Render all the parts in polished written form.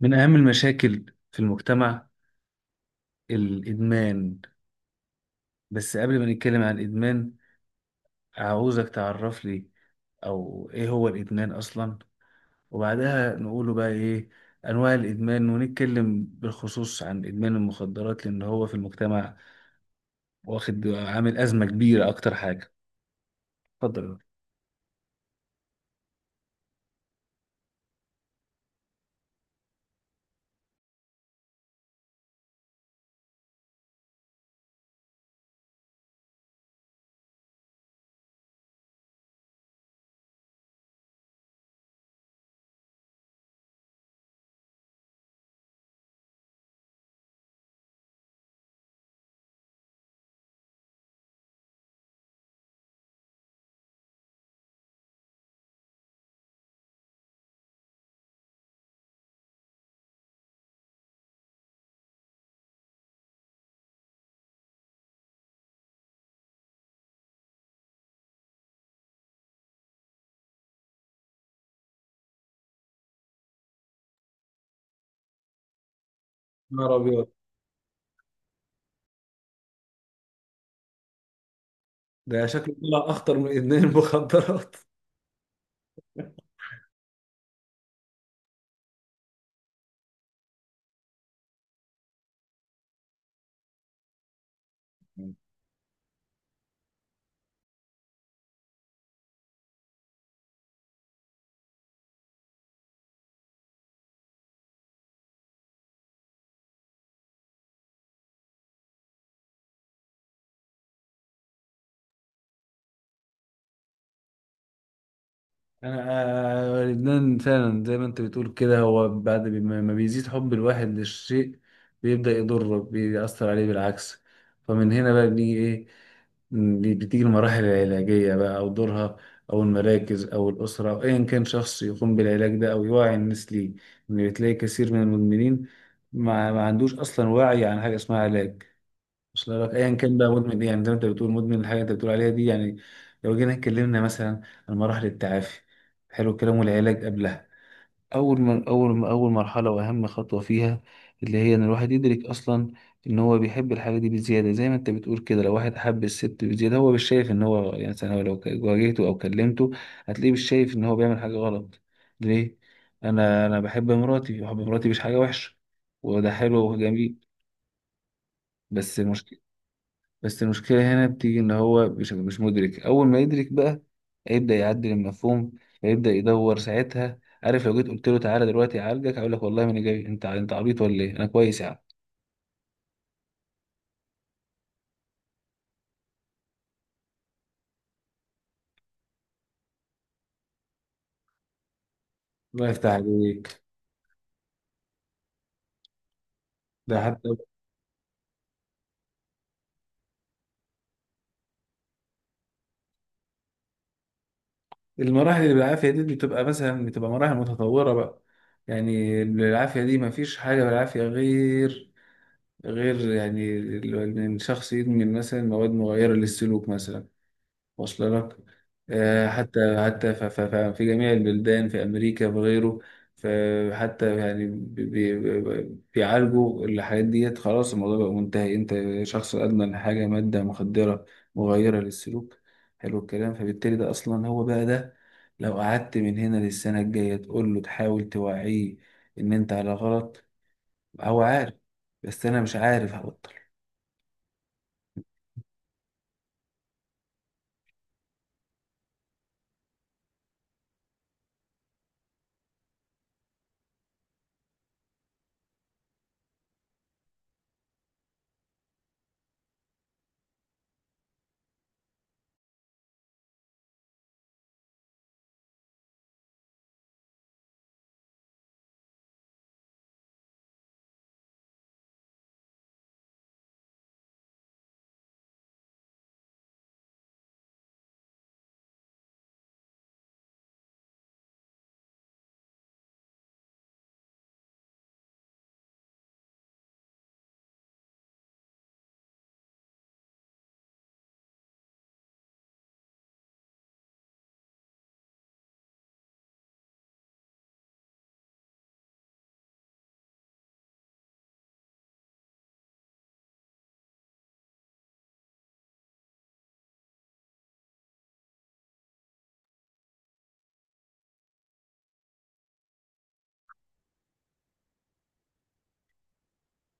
من أهم المشاكل في المجتمع الإدمان. بس قبل ما نتكلم عن الإدمان, عاوزك تعرف لي أو إيه هو الإدمان أصلا, وبعدها نقوله بقى إيه أنواع الإدمان, ونتكلم بالخصوص عن إدمان المخدرات لأن هو في المجتمع واخد عامل أزمة كبيرة أكتر حاجة. اتفضل. نهار أبيض! ده شكله طلع أخطر من إدمان المخدرات. انا لبنان فعلا زي ما انت بتقول كده, هو بعد ما بيزيد حب الواحد للشيء, بيبدأ يضره, بيأثر عليه بالعكس. فمن هنا بقى بنيجي ايه, بتيجي المراحل العلاجية بقى أو دورها, أو المراكز أو الأسرة أو أيا كان شخص يقوم بالعلاج ده أو يوعي الناس ليه. إن بتلاقي كثير من المدمنين ما عندوش أصلا وعي عن حاجة اسمها علاج. وصل لك ايا كان بقى مدمن ايه, يعني زي ما انت بتقول مدمن الحاجه انت بتقول عليها دي يعني. لو جينا اتكلمنا مثلا عن مراحل التعافي, حلو الكلام, والعلاج قبلها اول ما اول ما اول مرحله واهم خطوه فيها, اللي هي ان الواحد يدرك اصلا ان هو بيحب الحاجه دي بزياده. زي ما انت بتقول كده, لو واحد حب الست بزياده, هو مش شايف ان هو يعني مثلا, هو لو واجهته او كلمته, هتلاقيه مش شايف ان هو بيعمل حاجه غلط. ليه؟ انا بحب مراتي, بحب مراتي مش حاجه وحشه, وده حلو وجميل. بس المشكله بس المشكلة هنا بتيجي إن هو مش مدرك. أول ما يدرك بقى هيبدأ يعدل المفهوم, هيبدأ يدور ساعتها. عارف لو جيت قلت له تعالى دلوقتي أعالجك, هيقول لك والله ما أنا جاي, أنت عبيط ولا إيه, أنا كويس يا عم. الله يفتح عليك. ده حتى المراحل اللي بالعافية دي بتبقى مثلا بتبقى مراحل متطورة بقى. يعني بالعافية دي مفيش حاجة بالعافية غير يعني إن الشخص يدمن مثلا مواد مغيرة للسلوك مثلا. واصل لك. آه، حتى حتى ف- ف- ف- في جميع البلدان في أمريكا وغيره. فحتى يعني بيعالجوا الحاجات ديت. خلاص الموضوع بقى منتهي. أنت شخص أدمن حاجة, مادة مخدرة مغيرة للسلوك. حلو الكلام. فبالتالي ده أصلا هو بقى ده, لو قعدت من هنا للسنة الجاية تقول له تحاول توعيه إن أنت على غلط, هو عارف. بس أنا مش عارف هبطل.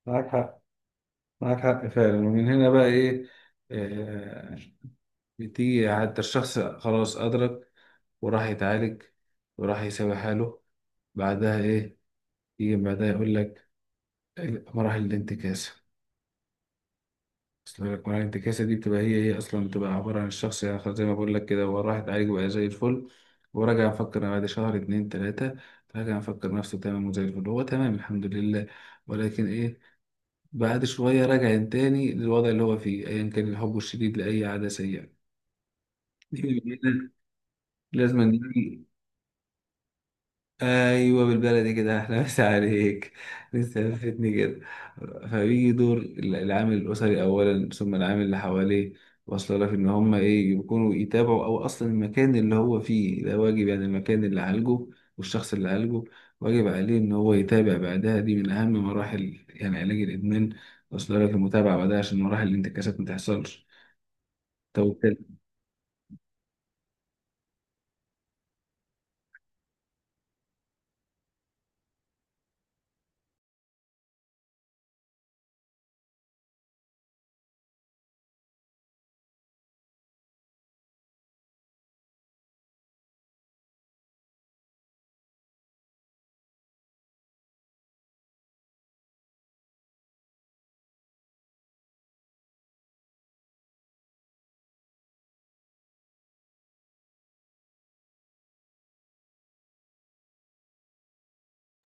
معاك حق, معاك حق فعلا فعلا, ومن هنا بقى ايه, آه بتيجي حتى الشخص خلاص أدرك وراح يتعالج وراح يساوي حاله. بعدها إيه؟ يجي بعدها يقول لك مراحل الانتكاسة. أصل لك مراحل الانتكاسة دي بتبقى هي أصلا بتبقى عبارة عن الشخص, يعني خلاص زي ما بقول لك كده, هو راح يتعالج وبقى زي الفل, وراجع مفكر أنا بعد شهر اتنين تلاتة, راجع مفكر نفسه تمام وزي الفل, هو تمام الحمد لله. ولكن إيه, بعد شوية راجع تاني للوضع اللي هو فيه, أيا كان الحب الشديد لأي عادة سيئة. دي من هنا لازم نيجي. ايوه بالبلدي كده, احلى مسا عليك, بتثبتني كده. فبيجي دور العامل الاسري اولا, ثم العامل اللي حواليه. واصله لك ان هم ايه يكونوا يتابعوا, او اصلا المكان اللي هو فيه ده واجب, يعني المكان اللي عالجه والشخص اللي عالجه واجب عليه ان هو يتابع بعدها. دي من اهم مراحل يعني علاج الادمان. واصله لك المتابعه بعدها عشان مراحل الانتكاسات ما تحصلش. طب وبالتالي,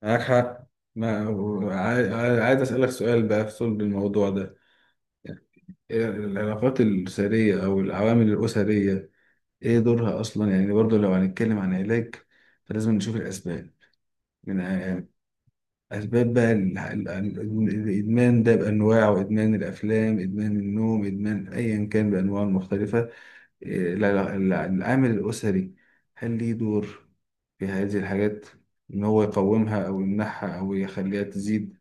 معاك حق. ما عايز اسالك سؤال بقى في صلب الموضوع ده. العلاقات الأسرية أو العوامل الأسرية, إيه دورها أصلا؟ يعني برضو لو هنتكلم عن علاج, فلازم نشوف الأسباب, من يعني أسباب بقى الإدمان ده بأنواعه, إدمان الأفلام, إدمان النوم, إدمان أيا كان بأنواعه المختلفة. إيه العامل الأسري, هل ليه دور في هذه الحاجات, إن هو يقومها أو يمنعها أو يخليها تزيد؟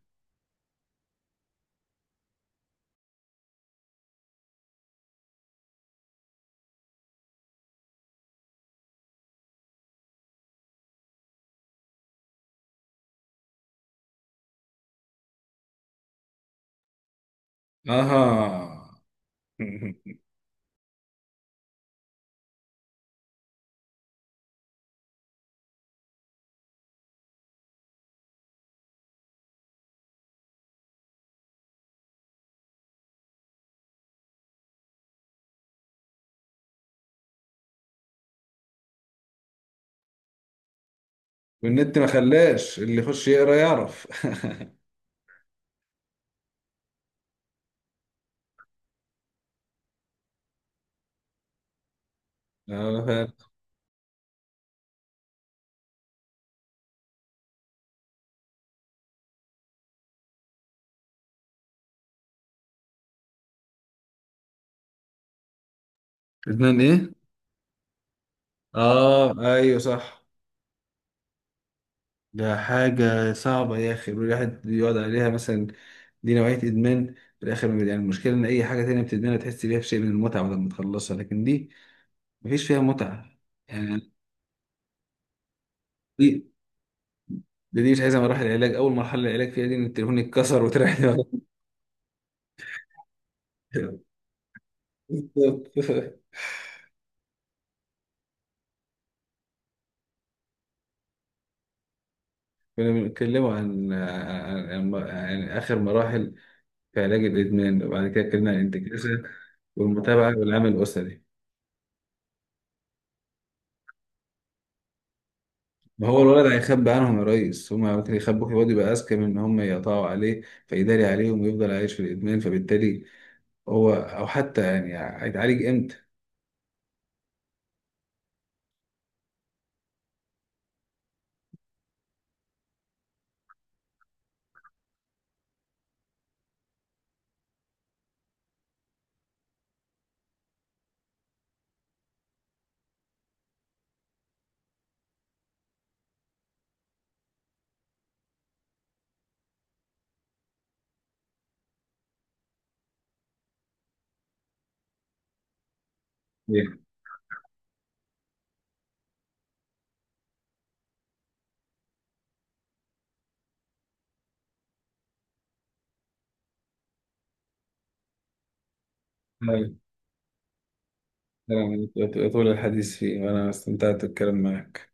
آها. والنت ما خلاش اللي يخش يقرا يعرف. اه فعلا. لبنان ايه؟ اه ايوه صح. ده حاجة صعبة يا اخي, الواحد يقعد عليها مثلا. دي نوعية ادمان في الاخر ما بي- يعني المشكلة ان اي حاجة تانية بتدمنها تحس بيها بشيء من المتعة بعد ما تخلصها, لكن دي مفيش فيها متعة يعني. دي دي مش عايزة مراحل العلاج. اول مرحلة العلاج فيها دي ان التليفون يتكسر وتريح دماغك. بالظبط. كنا بنتكلم عن اخر مراحل في علاج الادمان, وبعد كده اتكلمنا عن الانتكاسة والمتابعة والعمل الاسري. ما هو الولد هيخبي عنهم يا ريس, هما ممكن يخبوك, الواد يبقى أذكى من إن هم يقطعوا عليه فيداري عليهم ويفضل عايش في الإدمان. فبالتالي هو أو حتى يعني هيتعالج إمتى؟ إيه. أنا- أنا طول الحديث فيه وأنا استمتعت بالكلام معك.